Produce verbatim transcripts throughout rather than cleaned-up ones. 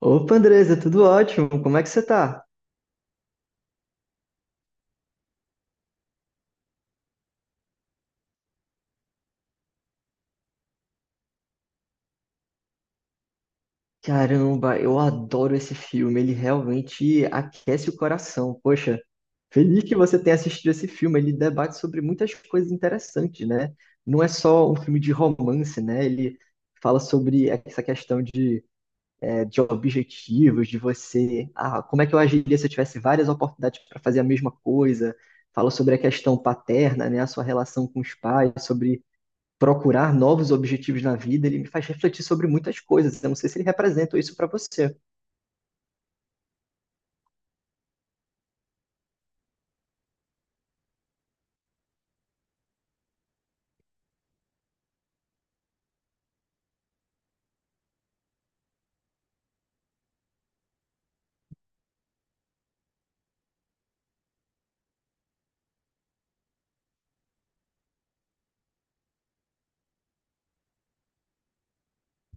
Opa, Andresa, tudo ótimo? Como é que você tá? Caramba, eu adoro esse filme, ele realmente aquece o coração. Poxa, feliz que você tenha assistido esse filme, ele debate sobre muitas coisas interessantes, né? Não é só um filme de romance, né? Ele fala sobre essa questão de, é, de objetivos, de você, ah, como é que eu agiria se eu tivesse várias oportunidades para fazer a mesma coisa? Fala sobre a questão paterna, né? A sua relação com os pais, sobre procurar novos objetivos na vida, ele me faz refletir sobre muitas coisas. Eu não sei se ele representa isso para você.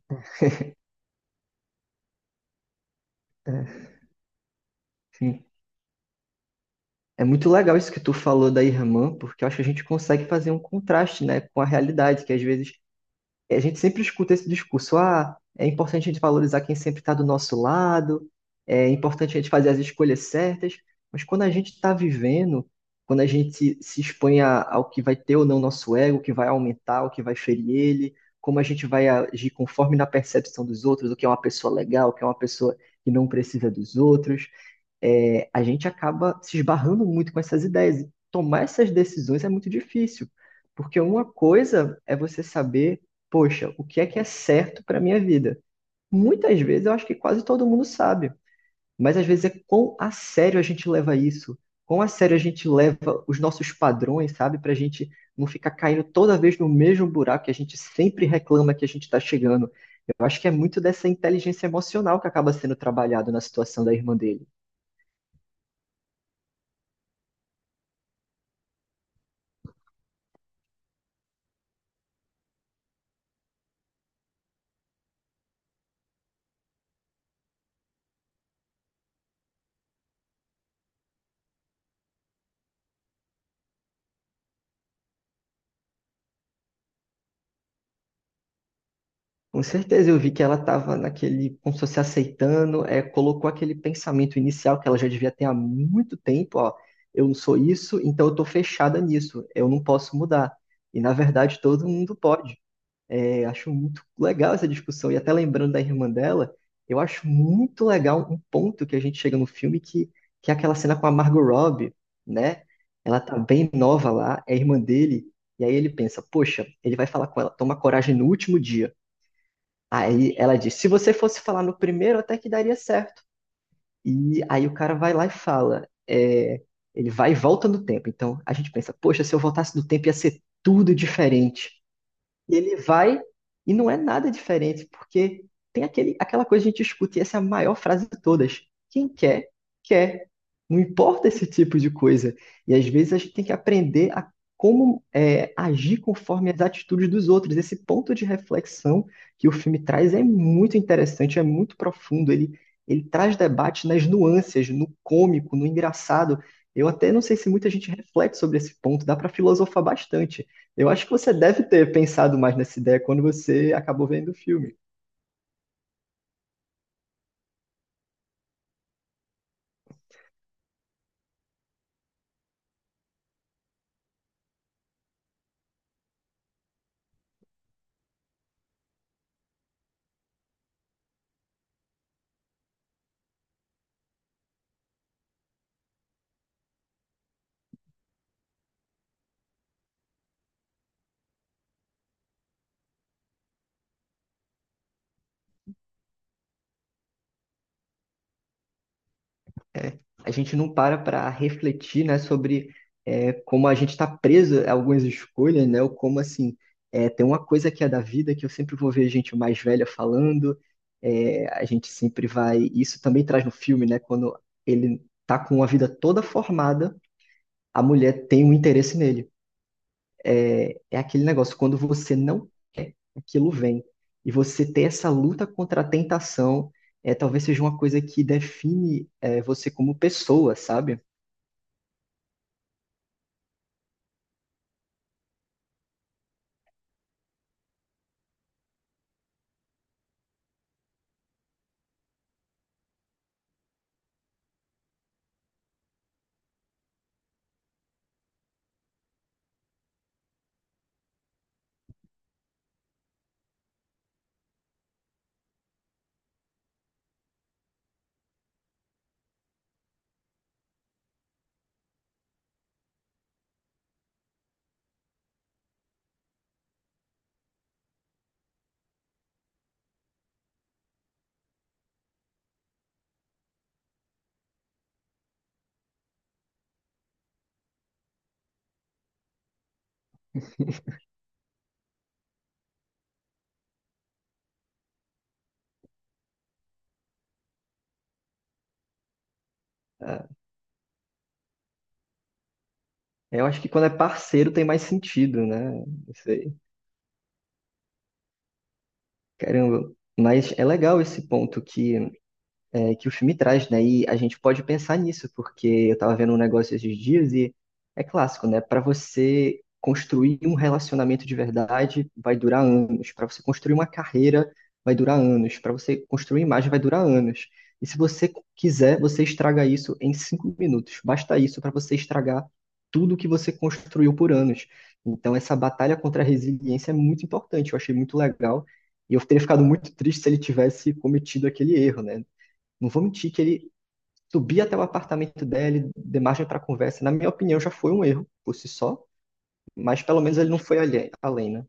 É, sim. É muito legal isso que tu falou da irmã, porque eu acho que a gente consegue fazer um contraste, né, com a realidade, que às vezes a gente sempre escuta esse discurso, ah, é importante a gente valorizar quem sempre está do nosso lado, é importante a gente fazer as escolhas certas, mas quando a gente está vivendo, quando a gente se expõe a- ao que vai ter ou não nosso ego, o que vai aumentar, o que vai ferir ele, como a gente vai agir conforme na percepção dos outros, o que é uma pessoa legal, o que é uma pessoa que não precisa dos outros, é, a gente acaba se esbarrando muito com essas ideias. E tomar essas decisões é muito difícil, porque uma coisa é você saber, poxa, o que é que é certo para minha vida? Muitas vezes eu acho que quase todo mundo sabe, mas às vezes é quão a sério a gente leva isso, quão a sério a gente leva os nossos padrões, sabe, para a gente não ficar caindo toda vez no mesmo buraco que a gente sempre reclama que a gente está chegando. Eu acho que é muito dessa inteligência emocional que acaba sendo trabalhado na situação da irmã dele. Com certeza, eu vi que ela estava naquele, como se fosse aceitando, é, colocou aquele pensamento inicial que ela já devia ter há muito tempo, ó, eu não sou isso, então eu estou fechada nisso, eu não posso mudar. E na verdade todo mundo pode. É, acho muito legal essa discussão, e até lembrando da irmã dela, eu acho muito legal um ponto que a gente chega no filme que, que é aquela cena com a Margot Robbie, né? Ela tá bem nova lá, é irmã dele, e aí ele pensa, poxa, ele vai falar com ela, toma coragem no último dia. Aí ela diz: se você fosse falar no primeiro, até que daria certo. E aí o cara vai lá e fala: é, ele vai e volta no tempo. Então a gente pensa: poxa, se eu voltasse no tempo ia ser tudo diferente. E ele vai e não é nada diferente, porque tem aquele, aquela coisa que a gente escuta, e essa é a maior frase de todas. Quem quer, quer. Não importa esse tipo de coisa. E às vezes a gente tem que aprender a como é, agir conforme as atitudes dos outros. Esse ponto de reflexão que o filme traz é muito interessante, é muito profundo. Ele, ele traz debate nas nuances, no cômico, no engraçado. Eu até não sei se muita gente reflete sobre esse ponto, dá para filosofar bastante. Eu acho que você deve ter pensado mais nessa ideia quando você acabou vendo o filme. A gente não para para refletir, né, sobre é, como a gente está preso a algumas escolhas, né, ou como assim é, tem uma coisa que é da vida que eu sempre vou ver gente mais velha falando. É, a gente sempre vai. Isso também traz no filme, né, quando ele tá com a vida toda formada, a mulher tem um interesse nele. É aquele negócio, quando você não quer, aquilo vem. E você ter essa luta contra a tentação é, talvez seja uma coisa que define é, você como pessoa, sabe? Ah, eu acho que quando é parceiro tem mais sentido, né? Não sei. Caramba. Mas é legal esse ponto que é, que o filme traz, né? E a gente pode pensar nisso, porque eu tava vendo um negócio esses dias e é clássico, né? Para você construir um relacionamento de verdade vai durar anos, para você construir uma carreira vai durar anos, para você construir imagem vai durar anos. E se você quiser, você estraga isso em cinco minutos. Basta isso para você estragar tudo que você construiu por anos. Então, essa batalha contra a resiliência é muito importante. Eu achei muito legal. E eu teria ficado muito triste se ele tivesse cometido aquele erro, né? Não vou mentir que ele subir até o apartamento dela, de margem para conversa, na minha opinião, já foi um erro por si só, mas pelo menos ele não foi alhe- além, né?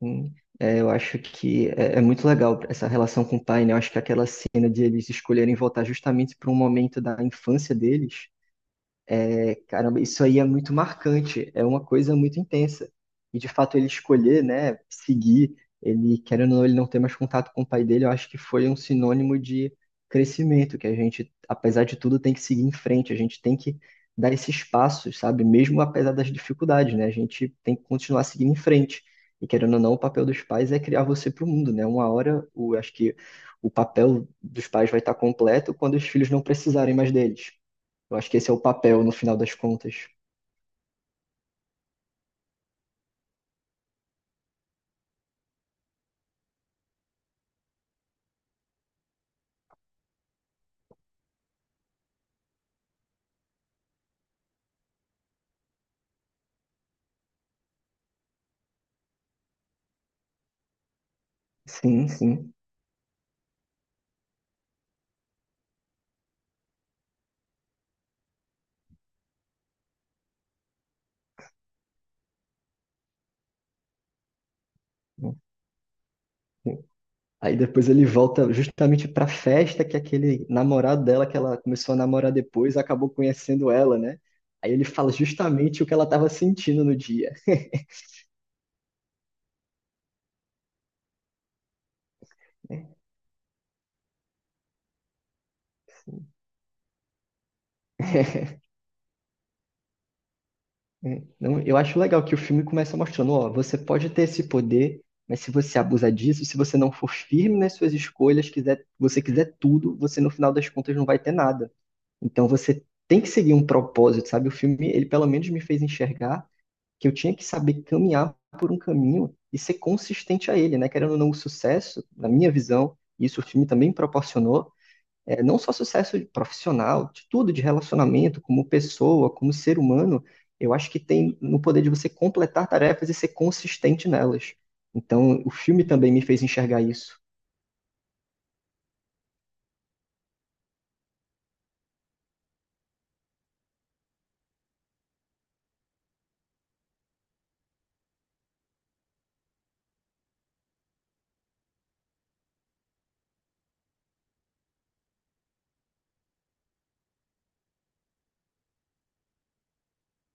Hum, é, eu acho que é, é muito legal essa relação com o pai, né? Eu acho que aquela cena de eles escolherem voltar justamente para um momento da infância deles é, caramba, isso aí é muito marcante, é uma coisa muito intensa. E de fato ele escolher, né, seguir, ele querendo ou não, ele não ter mais contato com o pai dele, eu acho que foi um sinônimo de crescimento, que a gente, apesar de tudo, tem que seguir em frente, a gente tem que dar esses passos, sabe? Mesmo apesar das dificuldades, né? A gente tem que continuar seguindo em frente. E querendo ou não, o papel dos pais é criar você para o mundo, né? Uma hora, o, acho que o papel dos pais vai estar completo quando os filhos não precisarem mais deles. Eu acho que esse é o papel no final das contas. Sim, sim. Aí depois ele volta justamente pra festa que aquele namorado dela, que ela começou a namorar depois, acabou conhecendo ela, né? Aí ele fala justamente o que ela tava sentindo no dia. É, não, eu acho legal que o filme começa mostrando, ó, você pode ter esse poder, mas se você abusar disso, se você não for firme nas suas escolhas, quiser, você quiser tudo, você no final das contas não vai ter nada. Então você tem que seguir um propósito, sabe? O filme, ele pelo menos me fez enxergar que eu tinha que saber caminhar por um caminho e ser consistente a ele, né? Querendo ou não, o sucesso, na minha visão, e isso o filme também proporcionou, é, não só sucesso profissional, de tudo, de relacionamento, como pessoa, como ser humano, eu acho que tem no poder de você completar tarefas e ser consistente nelas. Então, o filme também me fez enxergar isso.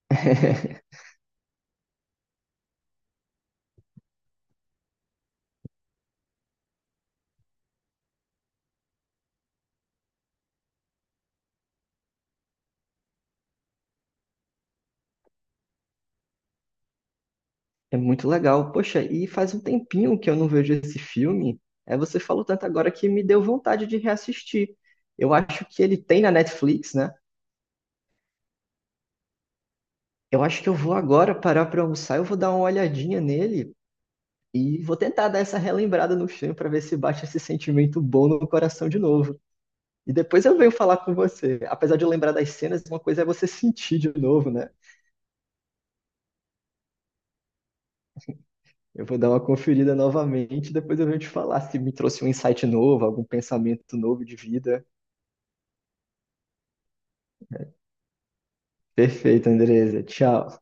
É muito legal. Poxa, e faz um tempinho que eu não vejo esse filme. É, você falou tanto agora que me deu vontade de reassistir. Eu acho que ele tem na Netflix, né? Eu acho que eu vou agora parar para almoçar, eu vou dar uma olhadinha nele e vou tentar dar essa relembrada no filme para ver se bate esse sentimento bom no coração de novo. E depois eu venho falar com você. Apesar de eu lembrar das cenas, uma coisa é você sentir de novo, né? Eu vou dar uma conferida novamente, depois eu venho te falar se me trouxe um insight novo, algum pensamento novo de vida. Perfeito, Andresa. Tchau.